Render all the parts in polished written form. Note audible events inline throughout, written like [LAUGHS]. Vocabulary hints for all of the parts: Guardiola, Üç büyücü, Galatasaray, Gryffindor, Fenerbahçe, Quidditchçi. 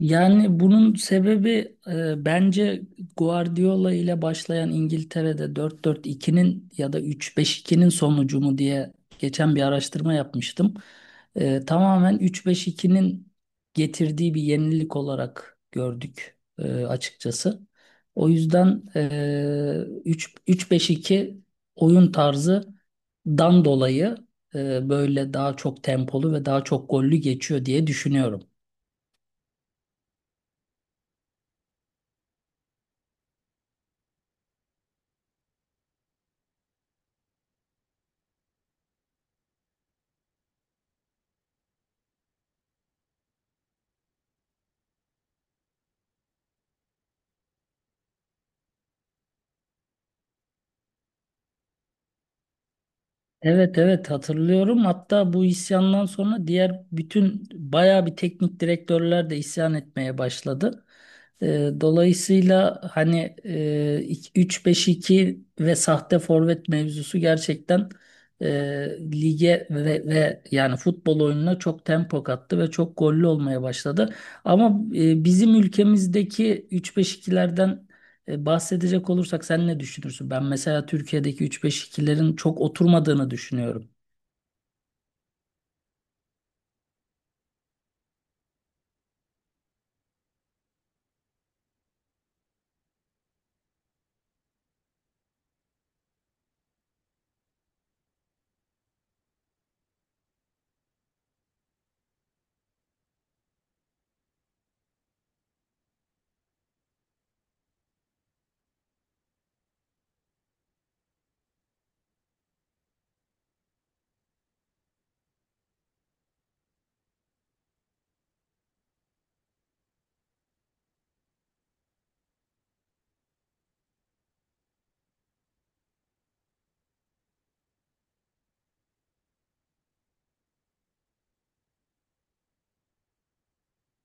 Yani bunun sebebi bence Guardiola ile başlayan İngiltere'de 4-4-2'nin ya da 3-5-2'nin sonucu mu diye geçen bir araştırma yapmıştım. Tamamen 3-5-2'nin getirdiği bir yenilik olarak gördük, açıkçası. O yüzden 3 3-5-2 oyun tarzı dan dolayı böyle daha çok tempolu ve daha çok gollü geçiyor diye düşünüyorum. Evet, evet, hatırlıyorum. Hatta bu isyandan sonra diğer bütün bayağı bir teknik direktörler de isyan etmeye başladı. Dolayısıyla hani, 3 5 ve sahte forvet mevzusu gerçekten e, lige ve yani futbol oyununa çok tempo kattı ve çok gollü olmaya başladı. Ama bizim ülkemizdeki üç beş ikilerden. Bahsedecek olursak sen ne düşünürsün? Ben mesela Türkiye'deki 3-5-2'lerin çok oturmadığını düşünüyorum.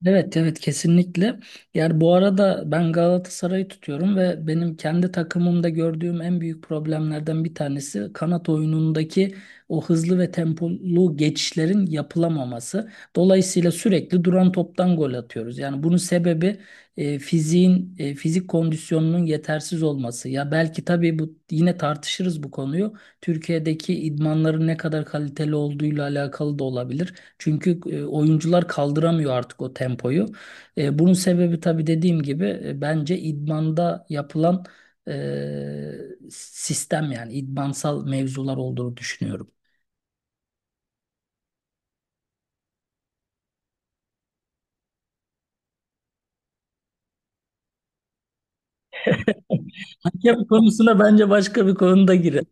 Evet, evet, kesinlikle. Yani bu arada ben Galatasaray'ı tutuyorum ve benim kendi takımımda gördüğüm en büyük problemlerden bir tanesi kanat oyunundaki o hızlı ve tempolu geçişlerin yapılamaması. Dolayısıyla sürekli duran toptan gol atıyoruz. Yani bunun sebebi fizik kondisyonunun yetersiz olması. Ya belki tabii bu yine tartışırız bu konuyu. Türkiye'deki idmanların ne kadar kaliteli olduğuyla alakalı da olabilir. Çünkü oyuncular kaldıramıyor artık o tempoyu. Bunun sebebi tabii dediğim gibi, bence idmanda yapılan sistem, yani idmansal mevzular olduğunu düşünüyorum. [LAUGHS] Hakem konusuna bence başka bir konuda girer.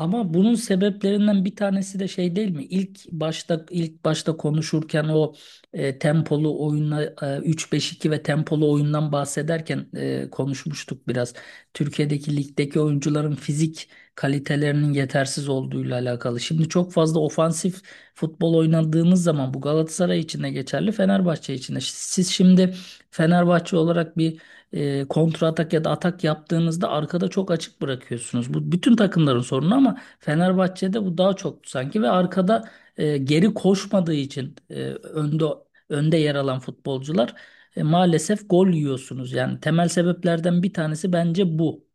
Ama bunun sebeplerinden bir tanesi de şey değil mi? İlk başta konuşurken o, tempolu oyunla, 3-5-2 ve tempolu oyundan bahsederken, konuşmuştuk biraz. Türkiye'deki ligdeki oyuncuların fizik kalitelerinin yetersiz olduğuyla alakalı. Şimdi çok fazla ofansif futbol oynadığınız zaman bu Galatasaray için de geçerli, Fenerbahçe için de. Siz şimdi Fenerbahçe olarak bir kontra atak ya da atak yaptığınızda arkada çok açık bırakıyorsunuz. Bu bütün takımların sorunu ama Fenerbahçe'de bu daha çok sanki, ve arkada geri koşmadığı için önde yer alan futbolcular, maalesef gol yiyorsunuz. Yani temel sebeplerden bir tanesi bence bu.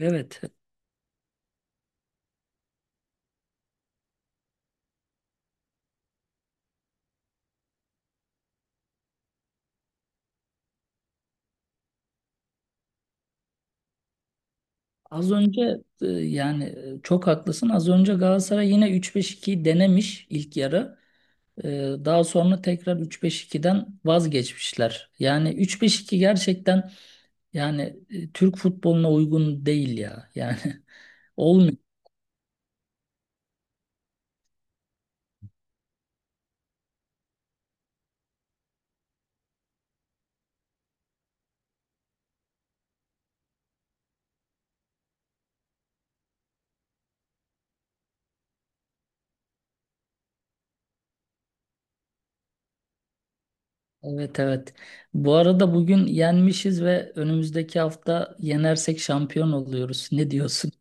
Evet. Az önce yani çok haklısın. Az önce Galatasaray yine 3-5-2'yi denemiş ilk yarı. Daha sonra tekrar 3-5-2'den vazgeçmişler. Yani 3-5-2 gerçekten, yani, Türk futboluna uygun değil ya. Yani [LAUGHS] olmuyor. Evet, evet. Bu arada bugün yenmişiz ve önümüzdeki hafta yenersek şampiyon oluyoruz. Ne diyorsun?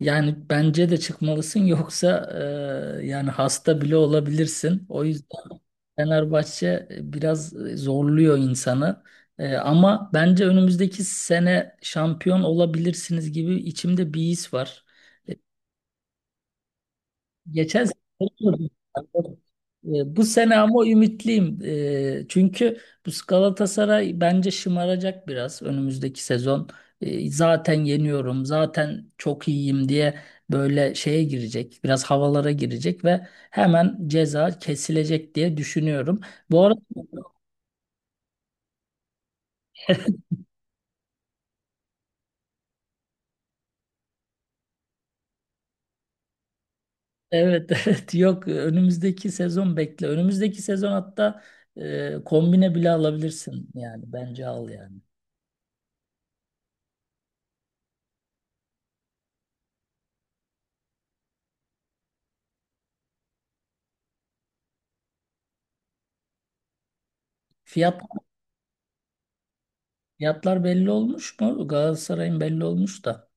Yani bence de çıkmalısın, yoksa yani hasta bile olabilirsin. O yüzden Fenerbahçe biraz zorluyor insanı. Ama bence önümüzdeki sene şampiyon olabilirsiniz gibi içimde bir his var. E, Geçen sene. Bu sene ama ümitliyim. Çünkü bu Galatasaray bence şımaracak biraz önümüzdeki sezon. Zaten yeniyorum, zaten çok iyiyim diye böyle şeye girecek, biraz havalara girecek ve hemen ceza kesilecek diye düşünüyorum. Bu arada evet, [LAUGHS] evet, yok, önümüzdeki sezon bekle. Önümüzdeki sezon hatta kombine bile alabilirsin, yani bence al yani. Fiyat Fiyatlar belli olmuş mu? Galatasaray'ın belli olmuş da.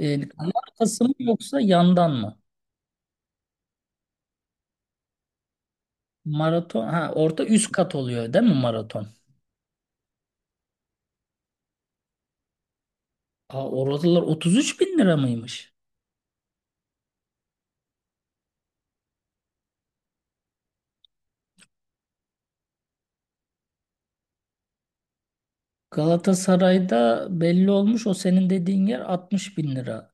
Markası mı yoksa yandan mı? Maraton. Ha orta üst kat oluyor değil mi maraton? Aa, oradalar 33 bin lira mıymış? Galatasaray'da belli olmuş, o senin dediğin yer 60 bin lira.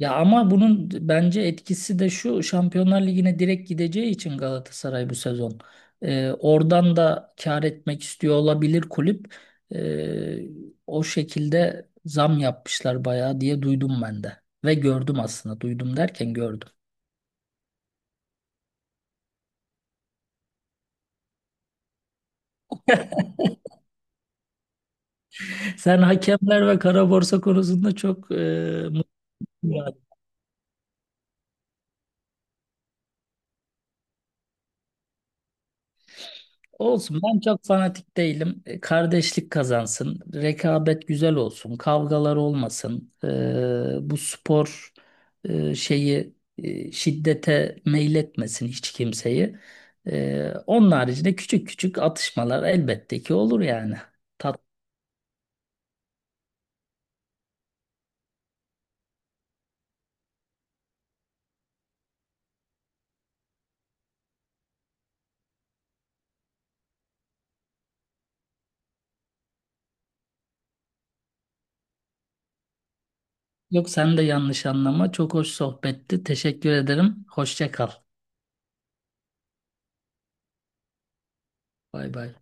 Ya ama bunun bence etkisi de şu: Şampiyonlar Ligi'ne direkt gideceği için Galatasaray bu sezon. Oradan da kâr etmek istiyor olabilir kulüp. Ee, o şekilde zam yapmışlar bayağı diye duydum ben de. Ve gördüm, aslında duydum derken gördüm. [LAUGHS] Sen hakemler ve kara borsa konusunda çok mutluyum. Olsun, ben çok fanatik değilim. Kardeşlik kazansın. Rekabet güzel olsun. Kavgalar olmasın. Bu spor şeyi, şiddete meyletmesin hiç kimseyi. Onun haricinde küçük küçük atışmalar elbette ki olur yani. Yok, sen de yanlış anlama. Çok hoş sohbetti. Teşekkür ederim. Hoşça kal. Bay bay.